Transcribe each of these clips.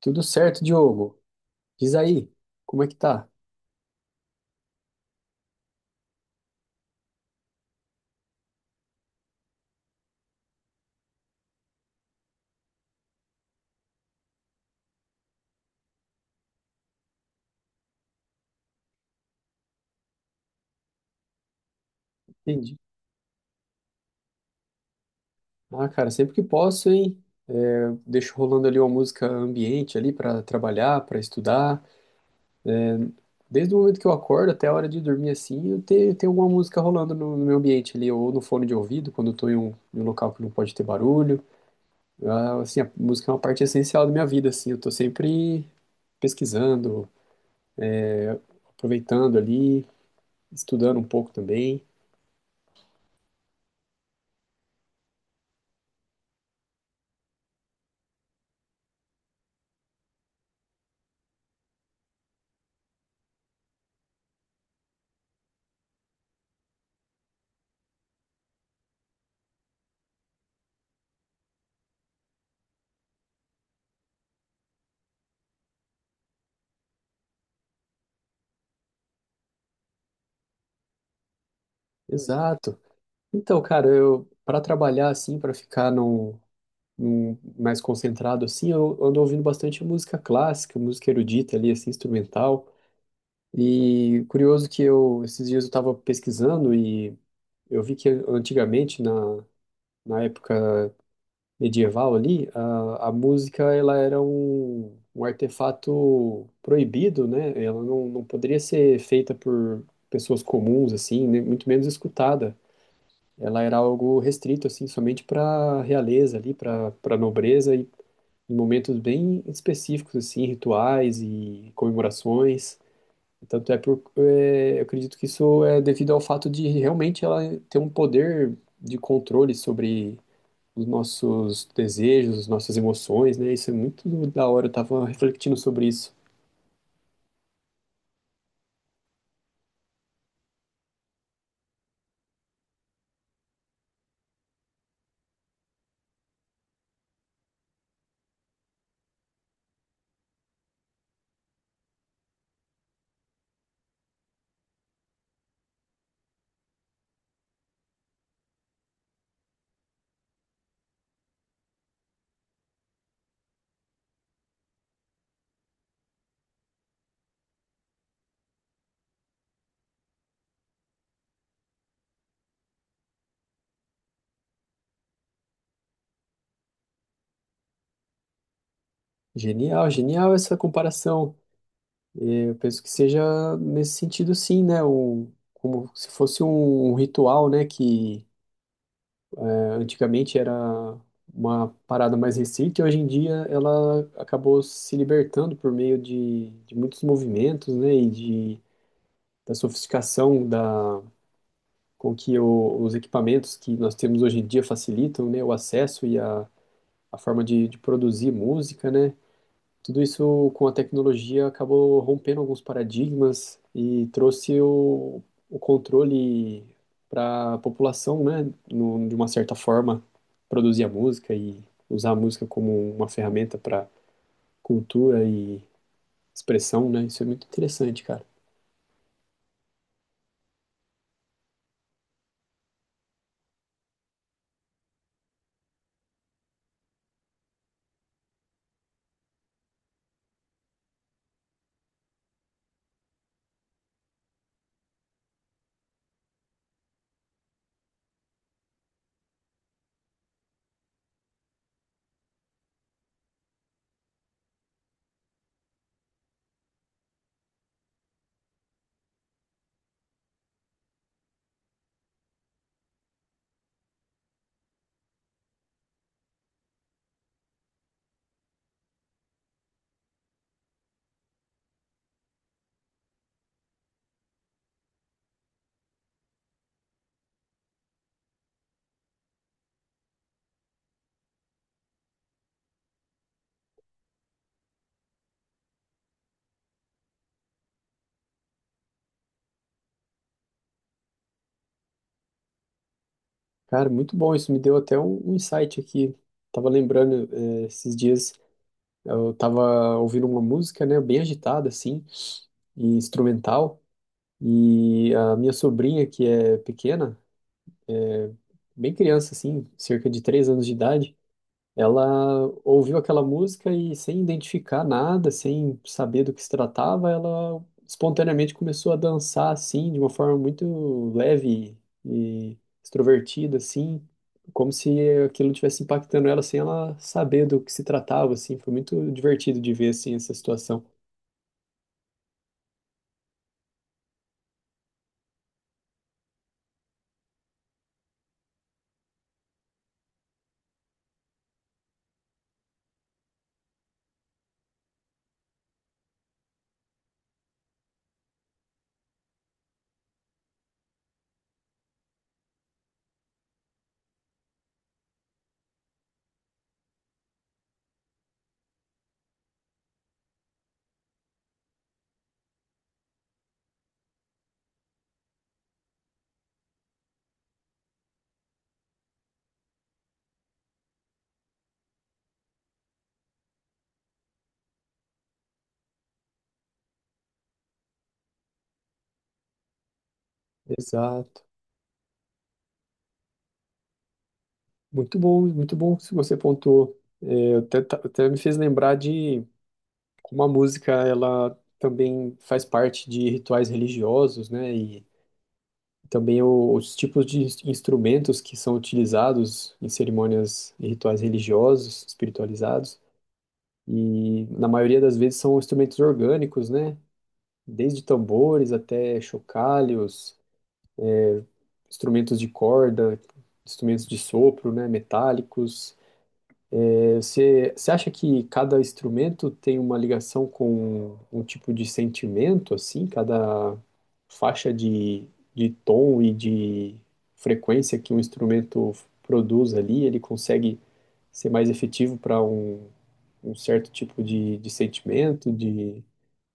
Tudo certo, Diogo. Diz aí, como é que tá? Entendi. Ah, cara, sempre que posso, hein? Eu deixo rolando ali uma música ambiente ali pra trabalhar, pra estudar. Desde o momento que eu acordo até a hora de dormir assim, eu tenho alguma música rolando no meu ambiente ali, ou no fone de ouvido, quando eu tô em um local que não pode ter barulho. Ah, assim, a música é uma parte essencial da minha vida, assim. Eu tô sempre pesquisando, aproveitando ali, estudando um pouco também. Exato. Então, cara, eu para trabalhar assim, para ficar num, mais concentrado assim, eu ando ouvindo bastante música clássica, música erudita ali, assim, instrumental. E curioso que eu, esses dias eu estava pesquisando e eu vi que antigamente, na, na época medieval ali, a música ela era um artefato proibido, né? Ela não poderia ser feita por pessoas comuns, assim, muito menos escutada. Ela era algo restrito, assim, somente para realeza ali, para nobreza em momentos bem específicos, assim, rituais e comemorações. Tanto é por, é, eu acredito que isso é devido ao fato de realmente ela ter um poder de controle sobre os nossos desejos, as nossas emoções, né? Isso é muito da hora, eu tava refletindo sobre isso. Genial, genial essa comparação. É, eu penso que seja nesse sentido, sim, né? O, como se fosse um ritual, né? Que antigamente era uma parada mais restrita e hoje em dia ela acabou se libertando por meio de muitos movimentos, né, e de, da sofisticação da, com que os equipamentos que nós temos hoje em dia facilitam, né, o acesso e a forma de produzir música, né, tudo isso com a tecnologia acabou rompendo alguns paradigmas e trouxe o controle para a população, né? No, de uma certa forma, produzir a música e usar a música como uma ferramenta para cultura e expressão, né? Isso é muito interessante, cara. Cara, muito bom. Isso me deu até um insight aqui. Tava lembrando, esses dias eu tava ouvindo uma música, né? Bem agitada, assim, e instrumental. E a minha sobrinha, que é pequena, bem criança, assim, cerca de três anos de idade, ela ouviu aquela música e, sem identificar nada, sem saber do que se tratava, ela espontaneamente começou a dançar, assim, de uma forma muito leve e extrovertida, assim, como se aquilo estivesse impactando ela sem ela saber do que se tratava, assim. Foi muito divertido de ver, assim, essa situação. Exato. Muito bom que você pontuou. É, até, até me fez lembrar de como a música ela também faz parte de rituais religiosos, né? E também os tipos de instrumentos que são utilizados em cerimônias e rituais religiosos, espiritualizados. E na maioria das vezes são instrumentos orgânicos, né? Desde tambores até chocalhos, instrumentos de corda, instrumentos de sopro, né? Metálicos. Você acha que cada instrumento tem uma ligação com um tipo de sentimento, assim? Cada faixa de tom e de frequência que um instrumento produz ali, ele consegue ser mais efetivo para um, um certo tipo de sentimento,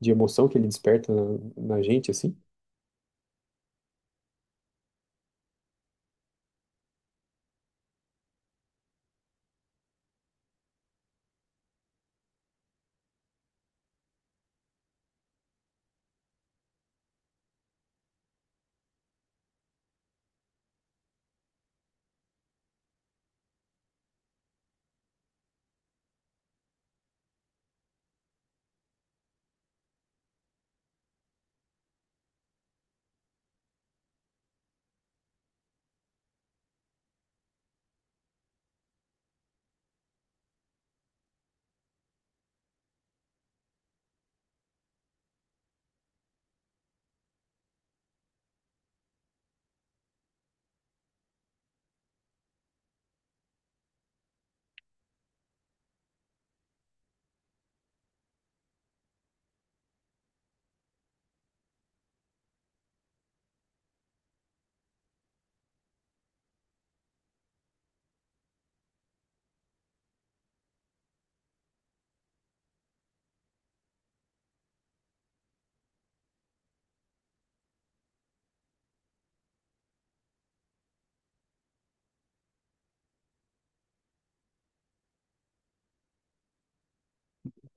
de emoção que ele desperta na, na gente, assim?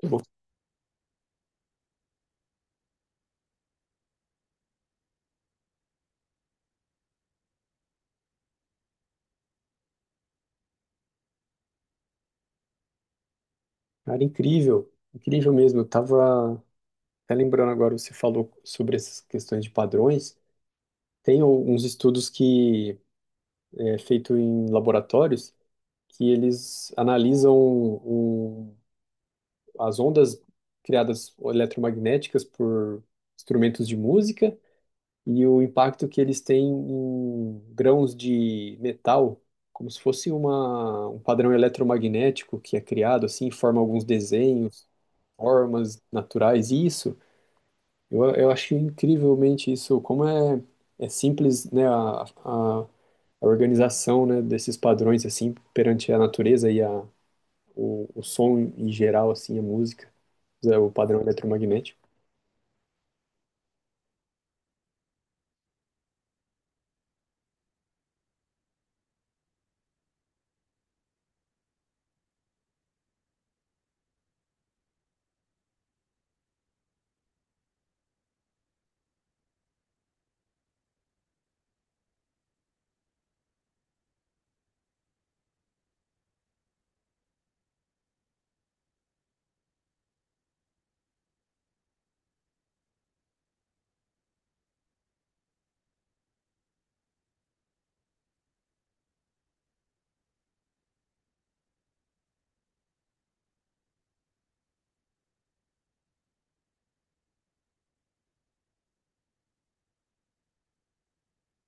Pô, cara, incrível, incrível mesmo. Eu tava até lembrando agora, você falou sobre essas questões de padrões. Tem alguns estudos que é feito em laboratórios que eles analisam o- as ondas criadas eletromagnéticas por instrumentos de música e o impacto que eles têm em grãos de metal, como se fosse uma, um padrão eletromagnético que é criado assim, forma alguns desenhos, formas naturais, e isso. Eu acho incrivelmente isso, como é, é simples, né, a organização, né, desses padrões, assim, perante a natureza e a, o som em geral, assim, a música, é, o padrão eletromagnético.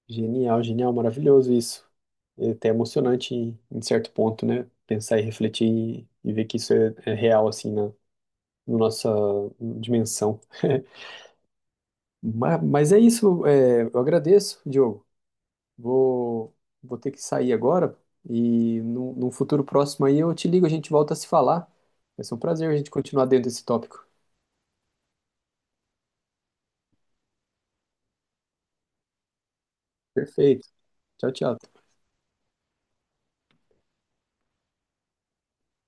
Genial, genial, maravilhoso isso. É até emocionante em, em certo ponto, né, pensar e refletir e ver que isso é, é real, assim, na, na nossa dimensão. Mas, é isso, é, eu agradeço, Diogo. Vou, vou ter que sair agora e num, num futuro próximo aí eu te ligo, a gente volta a se falar. Vai ser um prazer a gente continuar dentro desse tópico. Perfeito. Tchau, tchau.